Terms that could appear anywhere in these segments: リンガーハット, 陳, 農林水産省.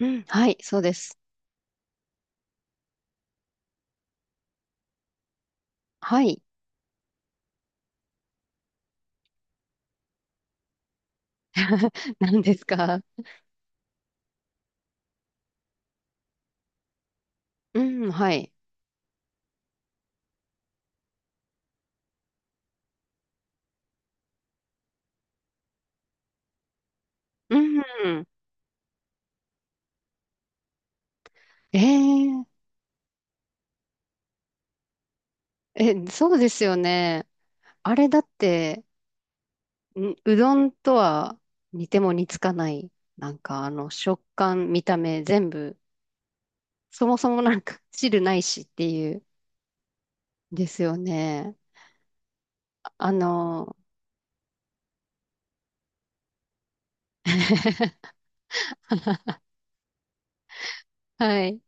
うん、はい、そうです。はい。何ですか？うん、はい。うん。えー、え、そうですよね。あれだって、んうどんとは似ても似つかない。なんかあの食感、見た目、全部、そもそもなんか 汁ないしっていう、ですよね。あの はい。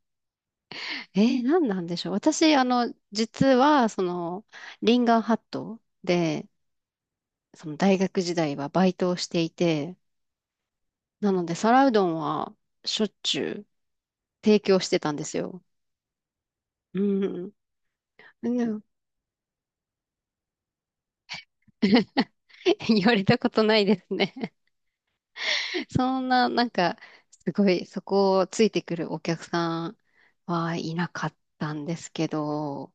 何なんでしょう。私、あの、実は、その、リンガーハットで、その大学時代はバイトをしていて、なので皿うどんはしょっちゅう提供してたんですよ。うん。うん。 言われたことないですね。そんな、なんか、すごい、そこをついてくるお客さんはいなかったんですけど、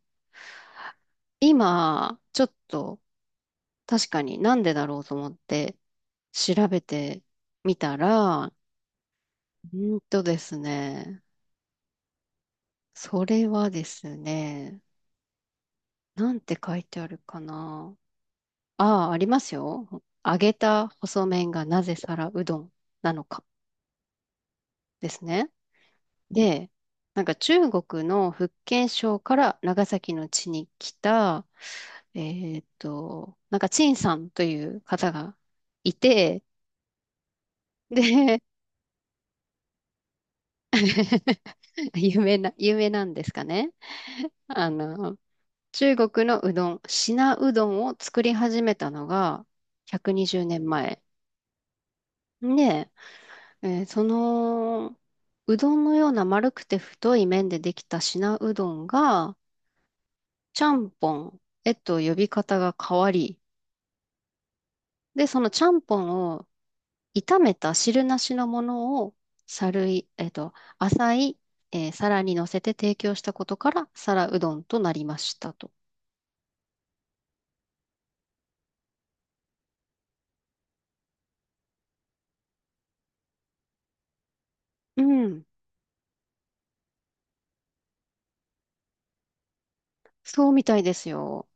今、ちょっと確かになんでだろうと思って調べてみたら、うんとですね、それはですね、なんて書いてあるかな。ああ、ありますよ。揚げた細麺がなぜ皿うどんなのかですね。で、なんか中国の福建省から長崎の地に来た、えなんか陳さんという方がいて、で、有名な、有名なんですかね。あの、中国のうどん、品うどんを作り始めたのが120年前。ねんまえでその、うどんのような丸くて太い麺でできた品うどんが、ちゃんぽんへと呼び方が変わり、で、そのちゃんぽんを炒めた汁なしのものを、さるい、えっと、浅い、えー皿に乗せて提供したことから、皿うどんとなりましたと。うん、そうみたいですよ。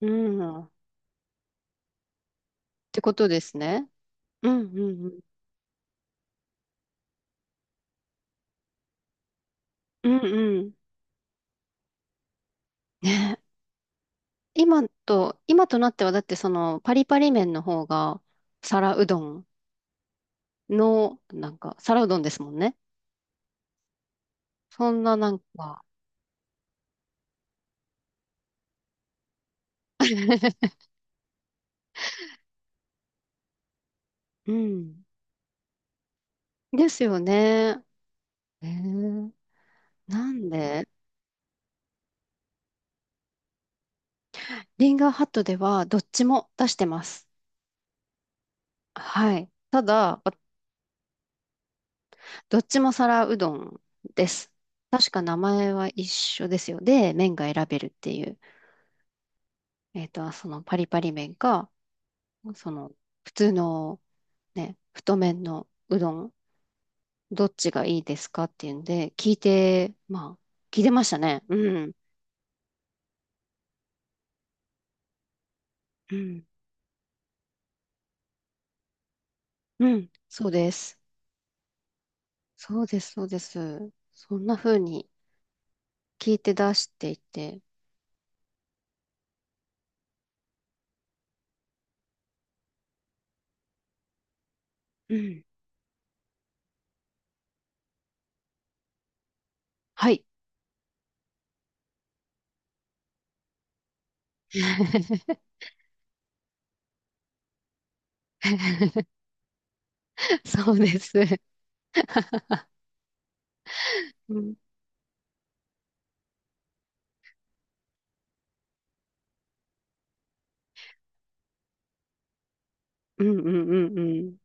うん、ってことですね。うん、うん、うん、うん、うん。ね、今と、今となってはだってそのパリパリ麺の方が皿うどんの、なんか皿うどんですもんね。そんななんか、うん。ですよね。えー、なんで、リンガーハットではどっちも出してます。はい。ただ、わ、どっちも皿うどんです。確か名前は一緒ですよ。で、麺が選べるっていう。そのパリパリ麺か、その普通のね、太麺のうどん。どっちがいいですかっていうんで、聞いて、まあ、聞いてましたね。うん。うん。うん。そうです。そうです、そうです。そんな風に聞いて出していて。うん。はい。そうです。うん。うんうんうんうん。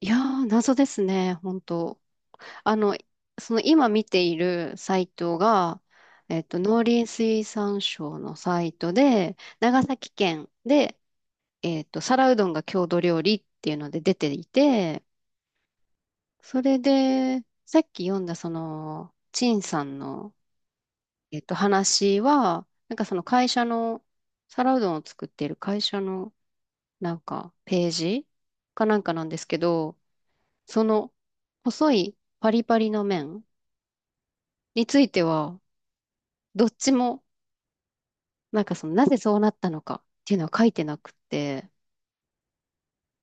いやー、謎ですね、本当。あの、その今見ているサイトが、農林水産省のサイトで、長崎県で、皿うどんが郷土料理っていうので出ていて、それで、さっき読んだその、陳さんの、話は、なんかその会社の、皿うどんを作っている会社の、なんか、ページかなんかなんですけど、その、細いパリパリの麺については、どっちも、なんかその、なぜそうなったのかっていうのは書いてなくって、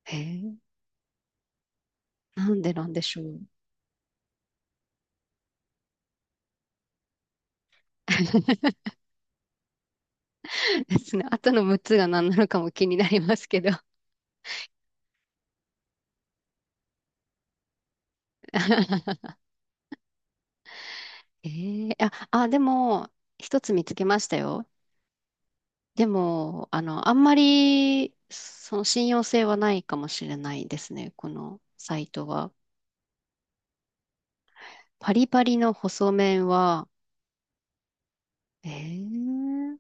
へえ、なんでなんでしょう。ですね。後の6つが何なのかも気になりますけど。でも、一つ見つけましたよ。でも、あの、あんまり、その信用性はないかもしれないですね。このサイトは。パリパリの細麺は、えー、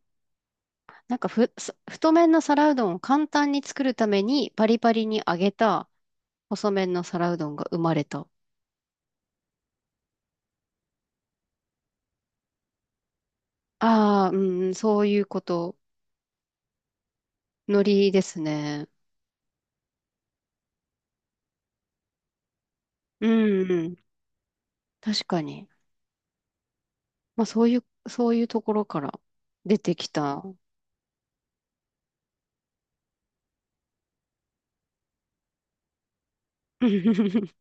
なんかふ、そ、太麺の皿うどんを簡単に作るために、パリパリに揚げた細麺の皿うどんが生まれた。ああ、うん、そういうこと。海苔ですね。うん、確かに。まあそういう、そういうところから出てきた。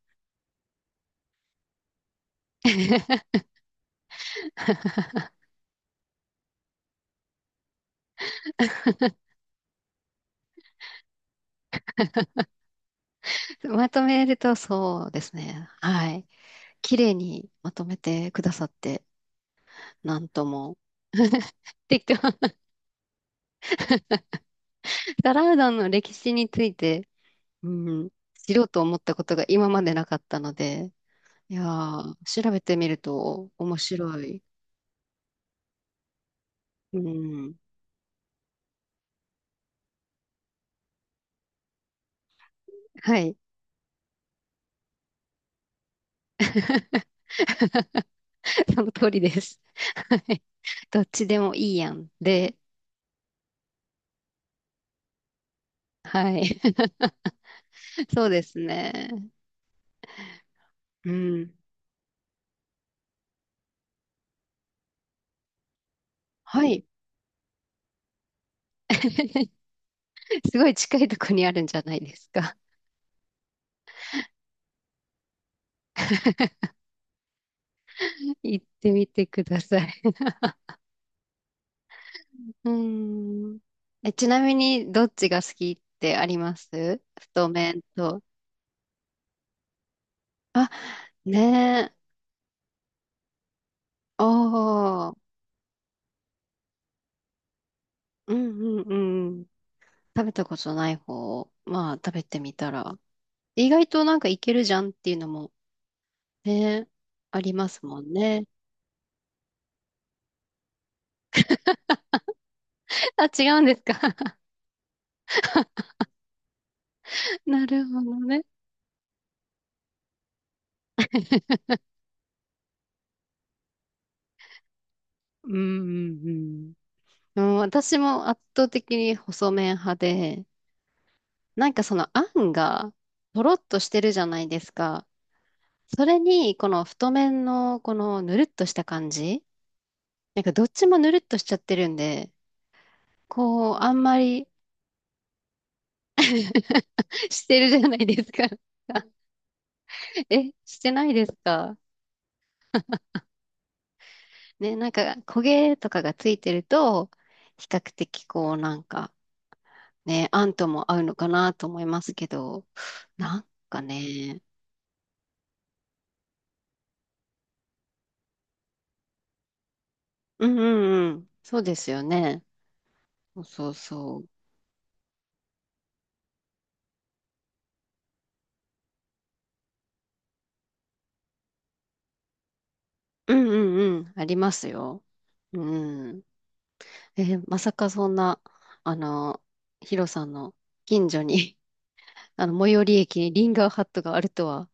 まとめるとそうですね。はい。綺麗にまとめてくださって、なんとも。適当。皿うどんの歴史について、うん、知ろうと思ったことが今までなかったので、いやー、調べてみると面白い。うん。はい。その通りです。どっちでもいいやん。で、はい。そうですね。うん。はい。すごい近いとこにあるんじゃないですか？行ってみてください。うーん。え、ちなみに、どっちが好きってあります、太麺と？あ、ねえ。おー。うんうんうん。食べたことない方を、まあ、食べてみたら。意外となんかいけるじゃんっていうのも、ね、ありますもんね。あ、違うんですか？なるほどね。うんうんうん。うん、私も圧倒的に細麺派で、なんかそのあんがとろっとしてるじゃないですか。それにこの太麺のこのぬるっとした感じ、なんかどっちもぬるっとしちゃってるんで、こうあんまり。 してるじゃないですか。え、してないですかね、なんか焦げとかがついてると、比較的こうなんかね、あんとも合うのかなと思いますけど、なんかね、うんうんうん。そうですよね。そうそうそう。うんうんうん。ありますよ。うん。まさかそんな、あの、ヒロさんの近所に、あの、最寄り駅にリンガーハットがあるとは。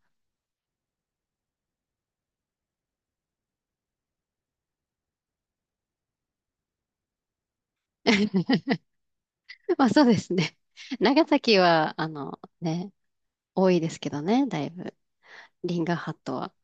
まあそうですね。長崎は、あの、ね、多いですけどね、だいぶ。リンガーハットは。